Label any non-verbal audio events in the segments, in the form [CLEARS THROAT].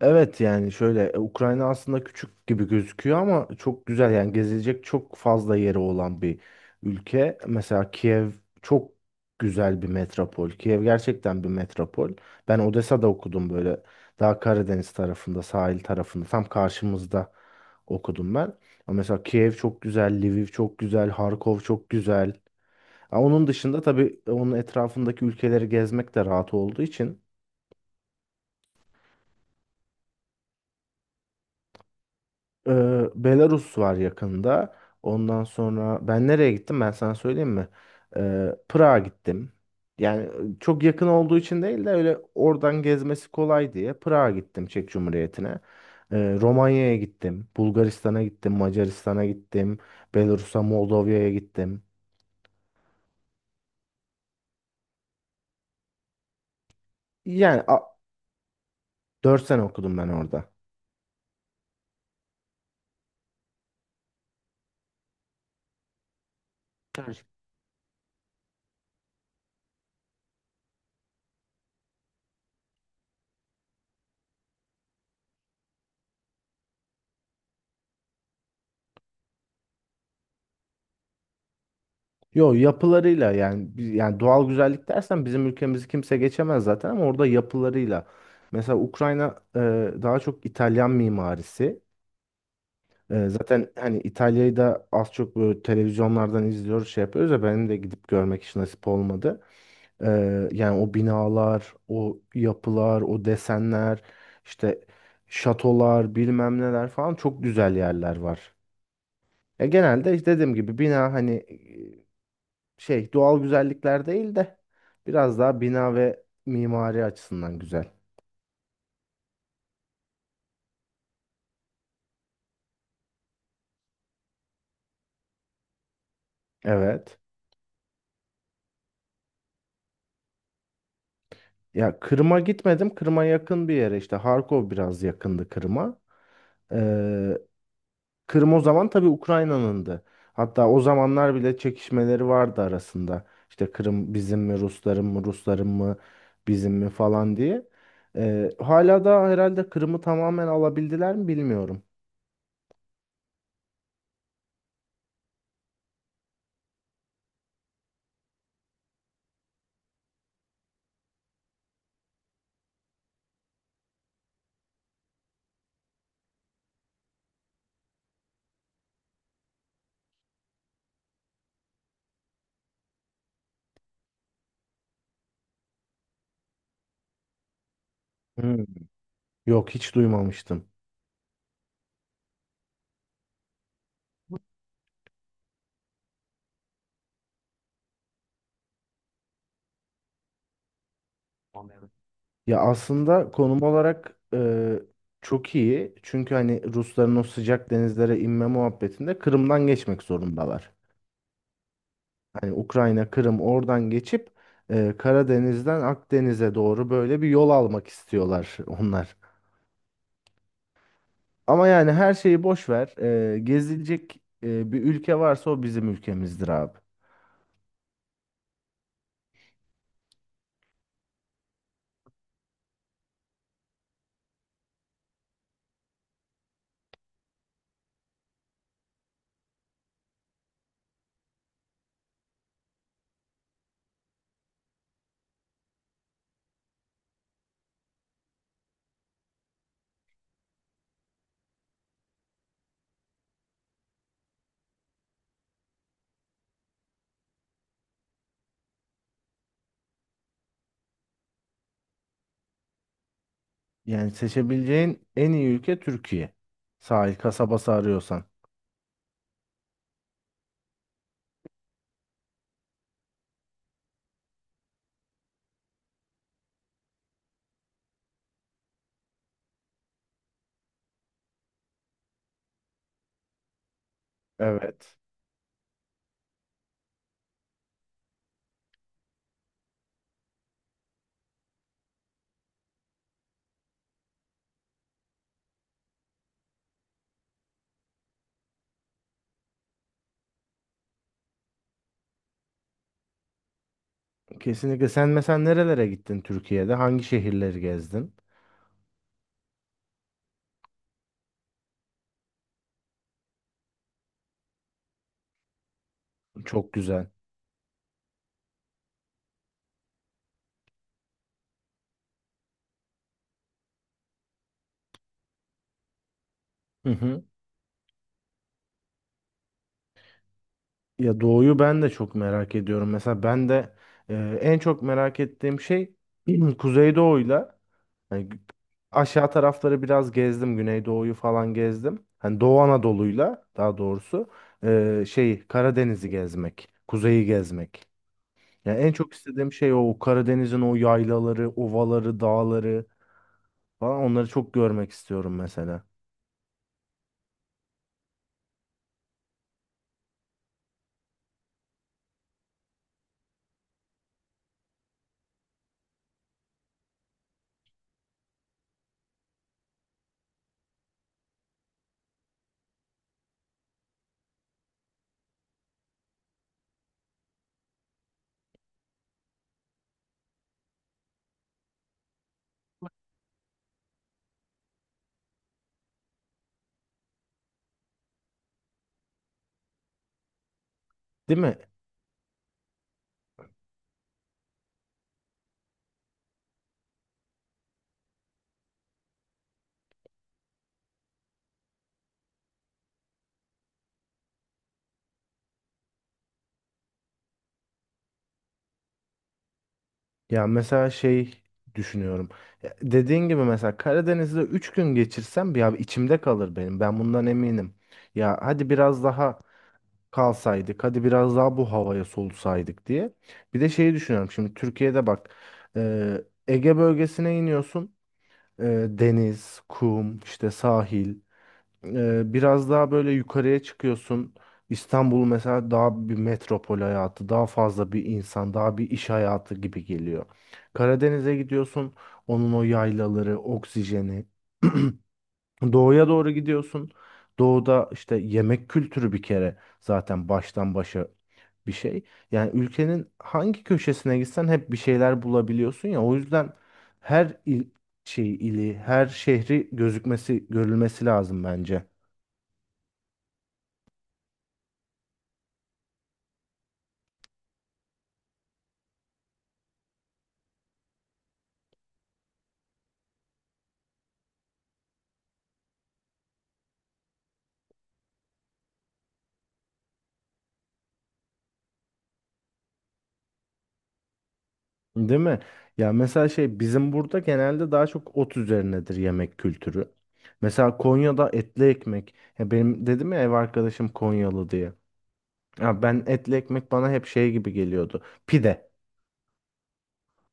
Evet, yani şöyle Ukrayna aslında küçük gibi gözüküyor ama çok güzel, yani gezilecek çok fazla yeri olan bir ülke. Mesela Kiev çok güzel bir metropol. Kiev gerçekten bir metropol. Ben Odessa'da okudum, böyle daha Karadeniz tarafında, sahil tarafında, tam karşımızda okudum ben. Ama mesela Kiev çok güzel, Lviv çok güzel, Harkov çok güzel. Ha, onun dışında tabii onun etrafındaki ülkeleri gezmek de rahat olduğu için. Belarus var yakında. Ondan sonra ben nereye gittim, ben sana söyleyeyim mi? Prag'a gittim. Yani çok yakın olduğu için değil de öyle oradan gezmesi kolay diye Prag'a gittim, Çek Cumhuriyeti'ne. Romanya'ya gittim. Bulgaristan'a gittim. Macaristan'a gittim. Belarus'a, Moldova'ya gittim. Yani 4 sene okudum ben orada. Yo, yapılarıyla. Yani yani doğal güzellik dersen bizim ülkemizi kimse geçemez zaten, ama orada yapılarıyla. Mesela Ukrayna daha çok İtalyan mimarisi. Zaten hani İtalya'yı da az çok böyle televizyonlardan izliyoruz, şey yapıyoruz ya, benim de gidip görmek hiç nasip olmadı. E, yani o binalar, o yapılar, o desenler, işte şatolar, bilmem neler falan, çok güzel yerler var. Genelde işte dediğim gibi bina, hani şey, doğal güzellikler değil de biraz daha bina ve mimari açısından güzel. Evet. Ya, Kırım'a gitmedim. Kırım'a yakın bir yere, işte Harkov biraz yakındı Kırım'a. Ee, Kırım o zaman tabii Ukrayna'nındı. Hatta o zamanlar bile çekişmeleri vardı arasında. İşte Kırım bizim mi, Rusların mı, Rusların mı bizim mi falan diye. Hala da herhalde Kırım'ı tamamen alabildiler mi bilmiyorum. Hmm. Yok, hiç duymamıştım. Ya aslında konum olarak çok iyi. Çünkü hani Rusların o sıcak denizlere inme muhabbetinde Kırım'dan geçmek zorundalar. Hani Ukrayna, Kırım oradan geçip Karadeniz'den Akdeniz'e doğru böyle bir yol almak istiyorlar [LAUGHS] onlar. Ama yani her şeyi boş ver. Gezilecek bir ülke varsa o bizim ülkemizdir abi. Yani seçebileceğin en iyi ülke Türkiye. Sahil kasabası arıyorsan. Evet. Kesinlikle. Sen mesela nerelere gittin Türkiye'de? Hangi şehirleri gezdin? Çok güzel. Hı hı. Ya doğuyu ben de çok merak ediyorum. Mesela ben de e, en çok merak ettiğim şey, [CLEARS THROAT] Kuzeydoğu'yla hani aşağı tarafları biraz gezdim. Güneydoğu'yu falan gezdim. Hani Doğu Anadolu'yla, daha doğrusu şey, Karadeniz'i gezmek, kuzeyi gezmek. Yani en çok istediğim şey o Karadeniz'in o yaylaları, ovaları, dağları falan, onları çok görmek istiyorum mesela. Değil mi? Ya mesela şey düşünüyorum. Ya, dediğin gibi, mesela Karadeniz'de 3 gün geçirsem, ya içimde kalır benim. Ben bundan eminim. Ya hadi biraz daha kalsaydık, hadi biraz daha bu havaya solusaydık diye. Bir de şeyi düşünüyorum. Şimdi Türkiye'de bak, e, Ege bölgesine iniyorsun. E, deniz, kum, işte sahil. Biraz daha böyle yukarıya çıkıyorsun. İstanbul mesela daha bir metropol hayatı, daha fazla bir insan, daha bir iş hayatı gibi geliyor. Karadeniz'e gidiyorsun, onun o yaylaları, oksijeni. [CLEARS THROAT] Doğuya doğru gidiyorsun. Doğuda işte yemek kültürü bir kere zaten baştan başa bir şey. Yani ülkenin hangi köşesine gitsen hep bir şeyler bulabiliyorsun ya. O yüzden her il, şey ili, her şehri gözükmesi, görülmesi lazım bence. Değil mi? Ya mesela şey, bizim burada genelde daha çok ot üzerinedir yemek kültürü. Mesela Konya'da etli ekmek. Ya benim dedim ya, ev arkadaşım Konyalı diye. Ya, ben etli ekmek, bana hep şey gibi geliyordu. Pide.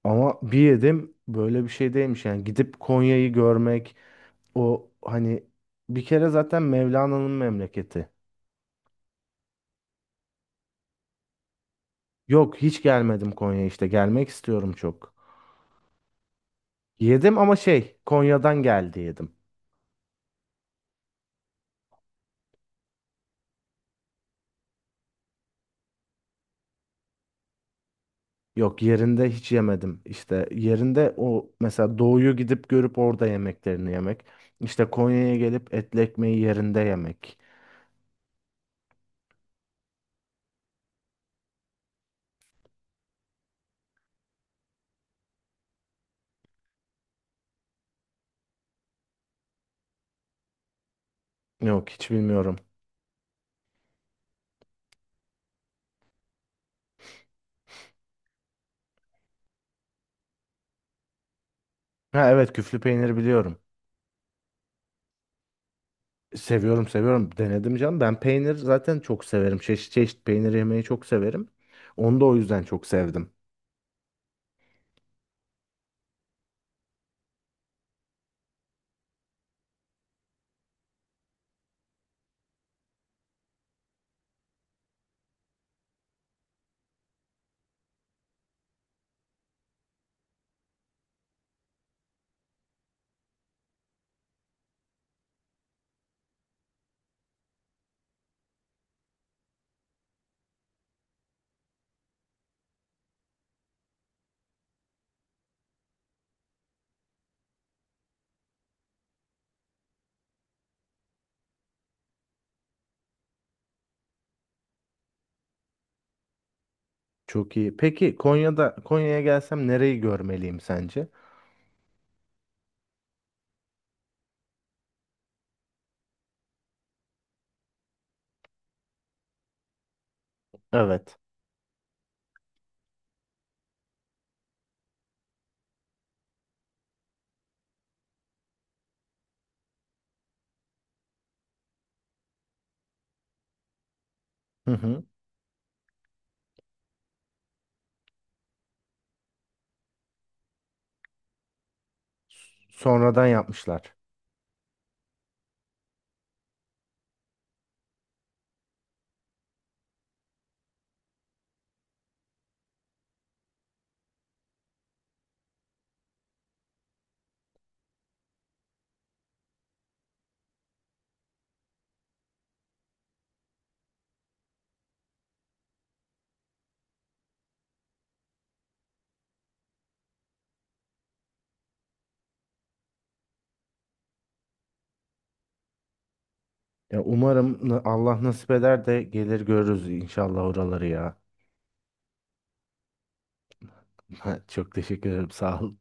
Ama bir yedim, böyle bir şey değilmiş. Yani gidip Konya'yı görmek, o hani bir kere zaten Mevlana'nın memleketi. Yok, hiç gelmedim Konya, işte gelmek istiyorum çok. Yedim ama şey, Konya'dan geldi yedim. Yok, yerinde hiç yemedim. İşte yerinde, o mesela doğuyu gidip görüp orada yemeklerini yemek. İşte Konya'ya gelip etli ekmeği yerinde yemek. Yok, hiç bilmiyorum. Ha evet, küflü peynir biliyorum. Seviyorum, seviyorum. Denedim canım. Ben peynir zaten çok severim. Çeşit çeşit peynir yemeyi çok severim. Onu da o yüzden çok sevdim. Çok iyi. Peki Konya'da, Konya'ya gelsem nereyi görmeliyim sence? Evet. Hı hı. Sonradan yapmışlar. Ya umarım Allah nasip eder de gelir görürüz inşallah oraları ya. [LAUGHS] Çok teşekkür ederim. Sağ ol.